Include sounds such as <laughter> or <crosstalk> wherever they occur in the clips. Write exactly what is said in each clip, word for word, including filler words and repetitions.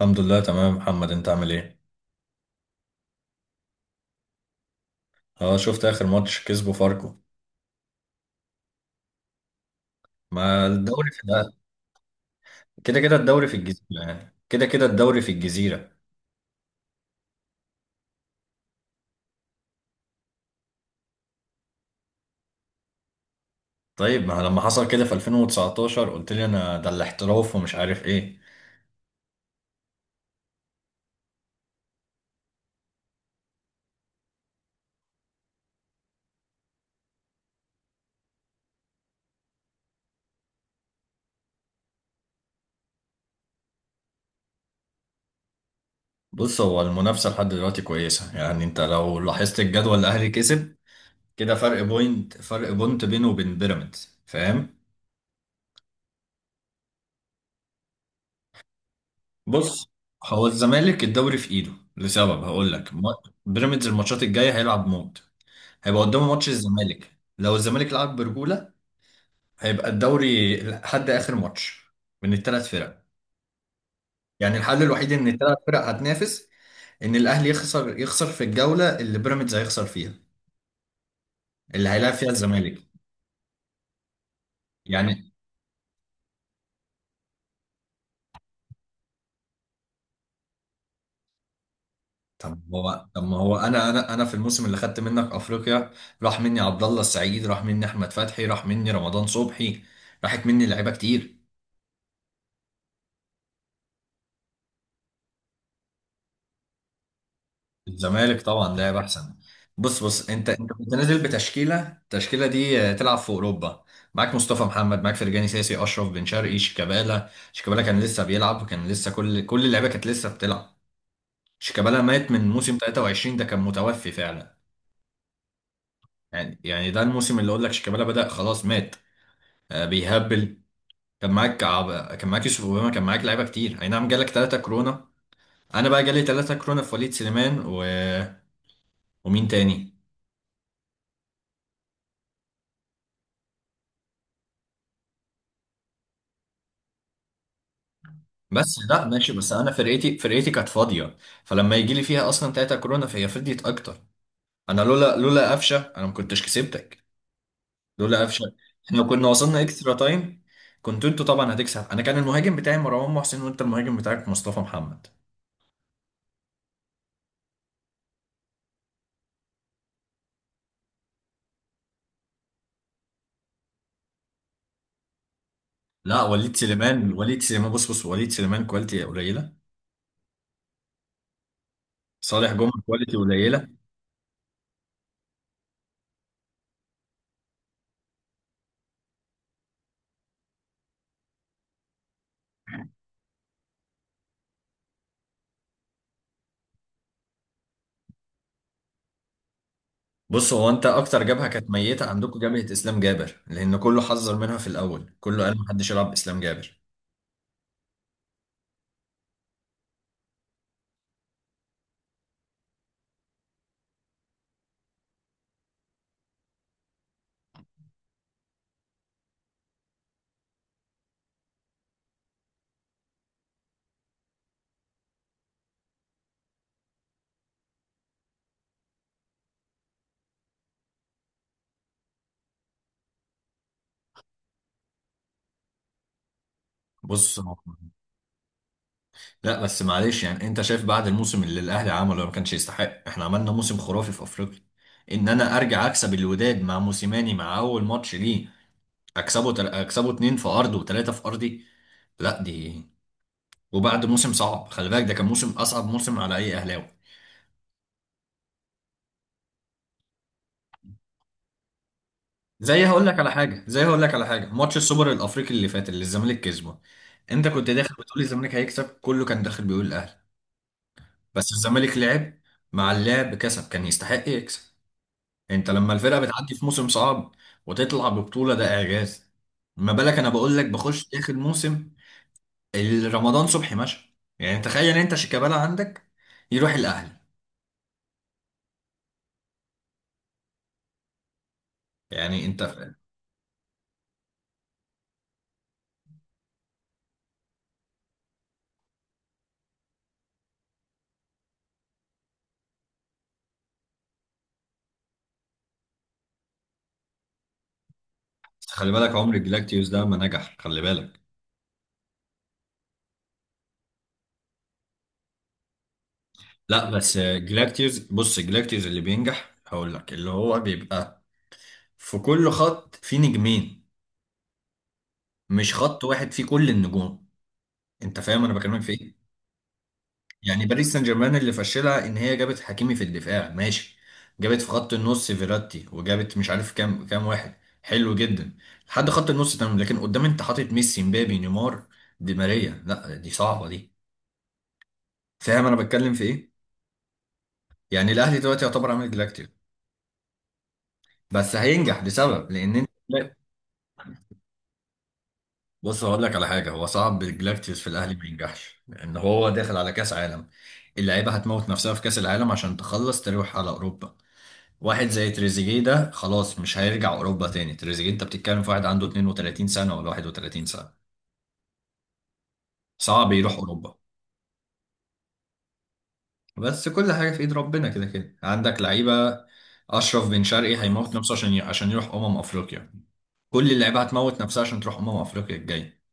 الحمد لله تمام محمد، انت عامل ايه؟ اه شفت اخر ماتش كسبه فاركو. ما الدوري في ده. كده كده الدوري في الجزيرة، يعني كده كده الدوري في الجزيرة. طيب ما لما حصل كده في ألفين وتسعتاشر قلت لي انا ده الاحتراف ومش عارف ايه. بص هو المنافسة لحد دلوقتي كويسة، يعني انت لو لاحظت الجدول الاهلي كسب كده، فرق بوينت فرق بوينت بينه وبين بيراميدز، فاهم؟ بص، هو الزمالك الدوري في ايده لسبب هقول لك. ما- بيراميدز الماتشات الجاية هيلعب موت. هيبقى قدامه ماتش الزمالك. لو الزمالك لعب برجولة هيبقى الدوري لحد آخر ماتش من الثلاث فرق. يعني الحل الوحيد إن الثلاث فرق هتنافس، إن الأهلي يخسر، يخسر في الجولة اللي بيراميدز هيخسر فيها، اللي هيلاعب فيها الزمالك. يعني طب ما هو طب ما هو أنا أنا أنا في الموسم اللي خدت منك أفريقيا، راح مني عبد الله السعيد، راح مني أحمد فتحي، راح مني رمضان صبحي، راحت مني لعيبة كتير. الزمالك طبعا لعب احسن. بص بص انت انت كنت نازل بتشكيله، التشكيله دي آه، تلعب في اوروبا. معاك مصطفى محمد، معاك فرجاني ساسي، اشرف بن شرقي، شيكابالا. شيكابالا كان لسه بيلعب وكان لسه كل كل اللعيبه كانت لسه بتلعب. شيكابالا مات من موسم تلاتة وعشرين، ده كان متوفي فعلا. يعني يعني ده الموسم اللي اقول لك شيكابالا بدأ خلاص مات. آه، بيهبل. كان معاك عب... كان معاك يوسف اوباما، كان معاك لعيبه كتير. اي نعم جالك ثلاثه كورونا. انا بقى جالي ثلاثه كورونا، في وليد سليمان و... ومين تاني. بس لا ماشي، بس انا فرقتي فرقتي كانت فاضيه، فلما يجي لي فيها اصلا تلاته كورونا فهي فضيت اكتر. انا لولا لولا قفشه انا ما كنتش كسبتك، لولا قفشه. احنا كنا وصلنا اكسترا تايم. كنت انتوا طبعا هتكسب. انا كان المهاجم بتاعي مروان محسن، وانت المهاجم بتاعك مصطفى محمد. لا وليد سليمان، وليد سليمان بص بص وليد سليمان كواليتي قليله. صالح جمعه كواليتي قليله. بص هو انت اكتر جبهه كانت ميته عندكم جبهه اسلام جابر، لان كله حذر منها في الاول، كله قال محدش يلعب اسلام جابر. بص، لا بس معلش، يعني انت شايف بعد الموسم اللي الاهلي عمله ما كانش يستحق. احنا عملنا موسم خرافي في افريقيا، ان انا ارجع اكسب الوداد مع موسيماني مع اول ماتش ليه. اكسبه تل... اكسبه اتنين في ارضه وتلاته في ارضي. لا دي، وبعد موسم صعب، خلي بالك ده كان موسم اصعب موسم على اي اهلاوي. زي هقول لك على حاجه زي هقول لك على حاجه ماتش السوبر الافريقي اللي فات اللي الزمالك كسبه، انت كنت داخل بتقول الزمالك هيكسب، كله كان داخل بيقول الاهلي. بس الزمالك لعب، مع اللعب كسب، كان يستحق يكسب. انت لما الفرقه بتعدي في موسم صعب وتطلع ببطوله ده اعجاز. ما بالك انا بقول لك بخش اخر موسم. ال- رمضان صبحي ماشي. يعني تخيل انت، شيكابالا عندك يروح الاهلي. يعني انت خلي بالك، عمر جلاكتيوس ده ما نجح، خلي بالك. لا بس جلاكتيوس، بص، جلاكتيوس اللي بينجح هقول لك، اللي هو بيبقى في كل خط في نجمين، مش خط واحد فيه كل النجوم. انت فاهم انا بكلمك في ايه؟ يعني باريس سان جيرمان اللي فشلها ان هي جابت حكيمي في الدفاع، ماشي. جابت في خط النص فيراتي، وجابت مش عارف كام كام واحد، حلو جدا لحد خط النص تمام. لكن قدام انت حاطط ميسي، مبابي، نيمار، دي ماريا. لا دي صعبه دي. فاهم انا بتكلم في ايه؟ يعني الاهلي دلوقتي يعتبر عامل جلاكتيك، بس هينجح لسبب، لان انت <laughs> لا، بص هقول لك على حاجه، هو صعب الجلاكتيوس في الاهلي ما ينجحش، لان هو داخل على كاس عالم. اللعيبه هتموت نفسها في كاس العالم عشان تخلص تروح على اوروبا. واحد زي تريزيجيه ده خلاص مش هيرجع اوروبا تاني. تريزيجيه انت بتتكلم في واحد عنده اثنين وثلاثين سنه ولا واحد وثلاثين سنه، صعب يروح اوروبا. بس كل حاجه في ايد ربنا، كده كده عندك لعيبه. اشرف بن شرقي هيموت نفسه عشان عشان يروح امم افريقيا. كل اللعيبه هتموت نفسها عشان تروح امم افريقيا الجايه.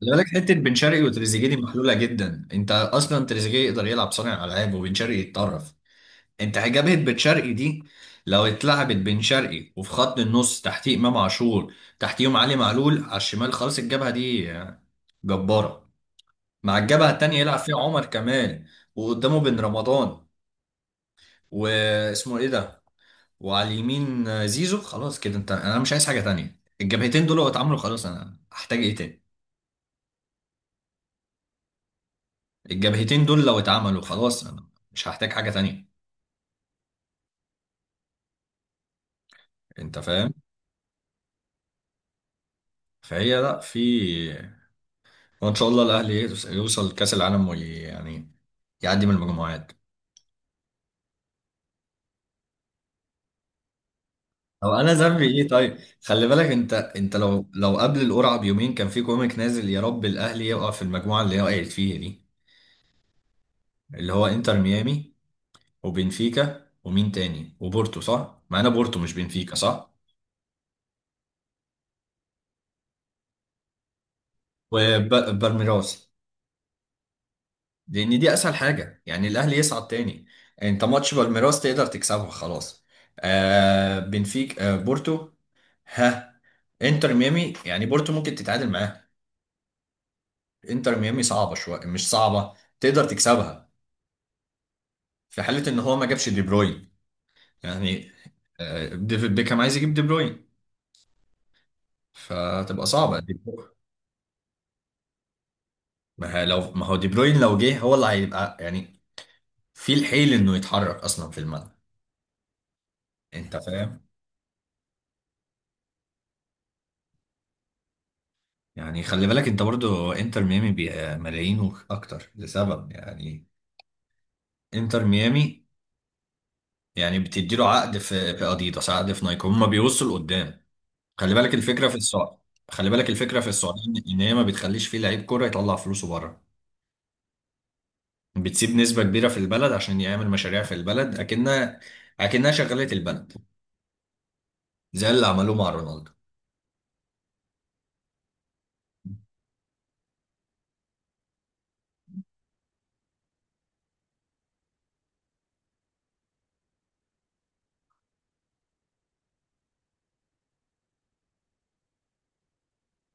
خلي بالك حته بن شرقي وتريزيجيه دي محلوله جدا، انت اصلا تريزيجيه يقدر يلعب صانع العاب، وبن شرقي يتطرف. انت جبهة بن شرقي دي لو اتلعبت بن شرقي، وفي خط النص تحتيه امام عاشور، تحتيهم علي معلول على الشمال خالص، الجبهة دي جبارة. مع الجبهة التانية يلعب فيها عمر كمال، وقدامه بن رمضان، واسمه ايه ده، وعلى اليمين زيزو. خلاص كده، انت انا مش عايز حاجة تانية. الجبهتين دول لو اتعملوا خلاص انا هحتاج ايه تاني؟ الجبهتين دول لو اتعملوا خلاص انا مش هحتاج حاجة تانية. انت فاهم؟ فهي لا في، وان شاء الله الاهلي يوص- يوصل كاس العالم وي يعني يعدي من المجموعات. او انا ذنبي ايه طيب. خلي بالك انت، انت لو لو قبل القرعه بيومين كان في كوميك نازل يا رب الاهلي يقع في المجموعه اللي هي وقعت فيها دي، اللي هو انتر ميامي وبنفيكا ومين تاني، وبورتو صح؟ معانا بورتو مش بنفيكا، صح؟ وبالميراس. لان دي اسهل حاجه يعني الاهلي يصعد تاني. انت ماتش بالميراس تقدر تكسبه، خلاص. آه بنفيك، آه بورتو، ها، انتر ميامي. يعني بورتو ممكن تتعادل معاه، انتر ميامي صعبه شويه، مش صعبه، تقدر تكسبها، في حاله ان هو ما جابش دي بروين. يعني آه، ديفيد بيكهام عايز يجيب دي بروين، فتبقى صعبه دي بروين. ما هي- لو، ما هو دي بروين لو جه هو اللي هيبقى يعني في الحيل انه يتحرك اصلا في الملعب. انت فاهم؟ يعني خلي بالك، انت برضو انتر ميامي بي- آه، ملايين اكتر لسبب يعني، انتر ميامي يعني بتديله عقد في في اديداس، عقد في نايك، هما بيوصوا لقدام، خلي بالك الفكره في السعر. خلي بالك الفكره في السعوديه ان إن هي ما بتخليش فيه لعيب كوره يطلع فلوسه بره، بتسيب نسبه كبيره في البلد عشان يعمل مشاريع في البلد، اكنها اكنها شغاله البلد، زي اللي عملوه مع رونالدو.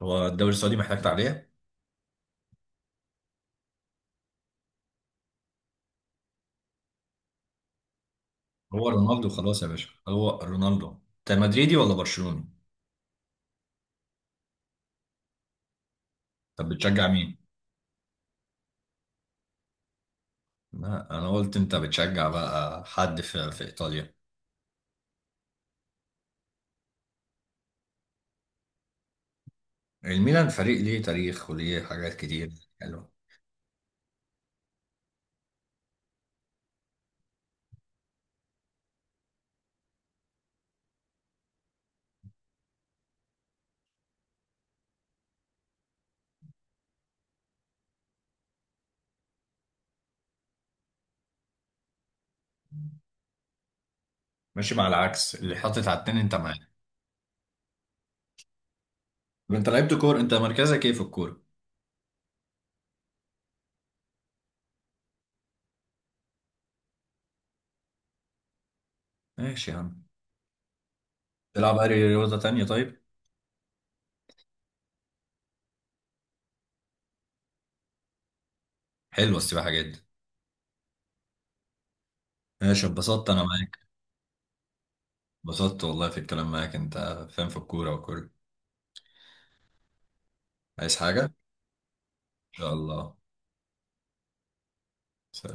هو الدوري السعودي محتاج تعليق. هو رونالدو خلاص يا باشا، هو رونالدو. انت مدريدي ولا برشلوني؟ طب بتشجع مين؟ لا انا قلت انت بتشجع بقى حد في, في, ايطاليا. الميلان فريق ليه تاريخ وليه حاجات كتير حلوه. ماشي مع العكس، اللي حاطط على التاني انت معاه. طب انت لعبت كورة؟ انت مركزك ايه في الكورة؟ ماشي يا عم. تلعب اي رياضة تانية طيب؟ حلوة السباحة جدا. ماشي، اتبسطت انا معاك. اتبسطت والله في الكلام معاك، انت فاهم في الكورة وكل. عايز حاجة ان شاء الله. سلام.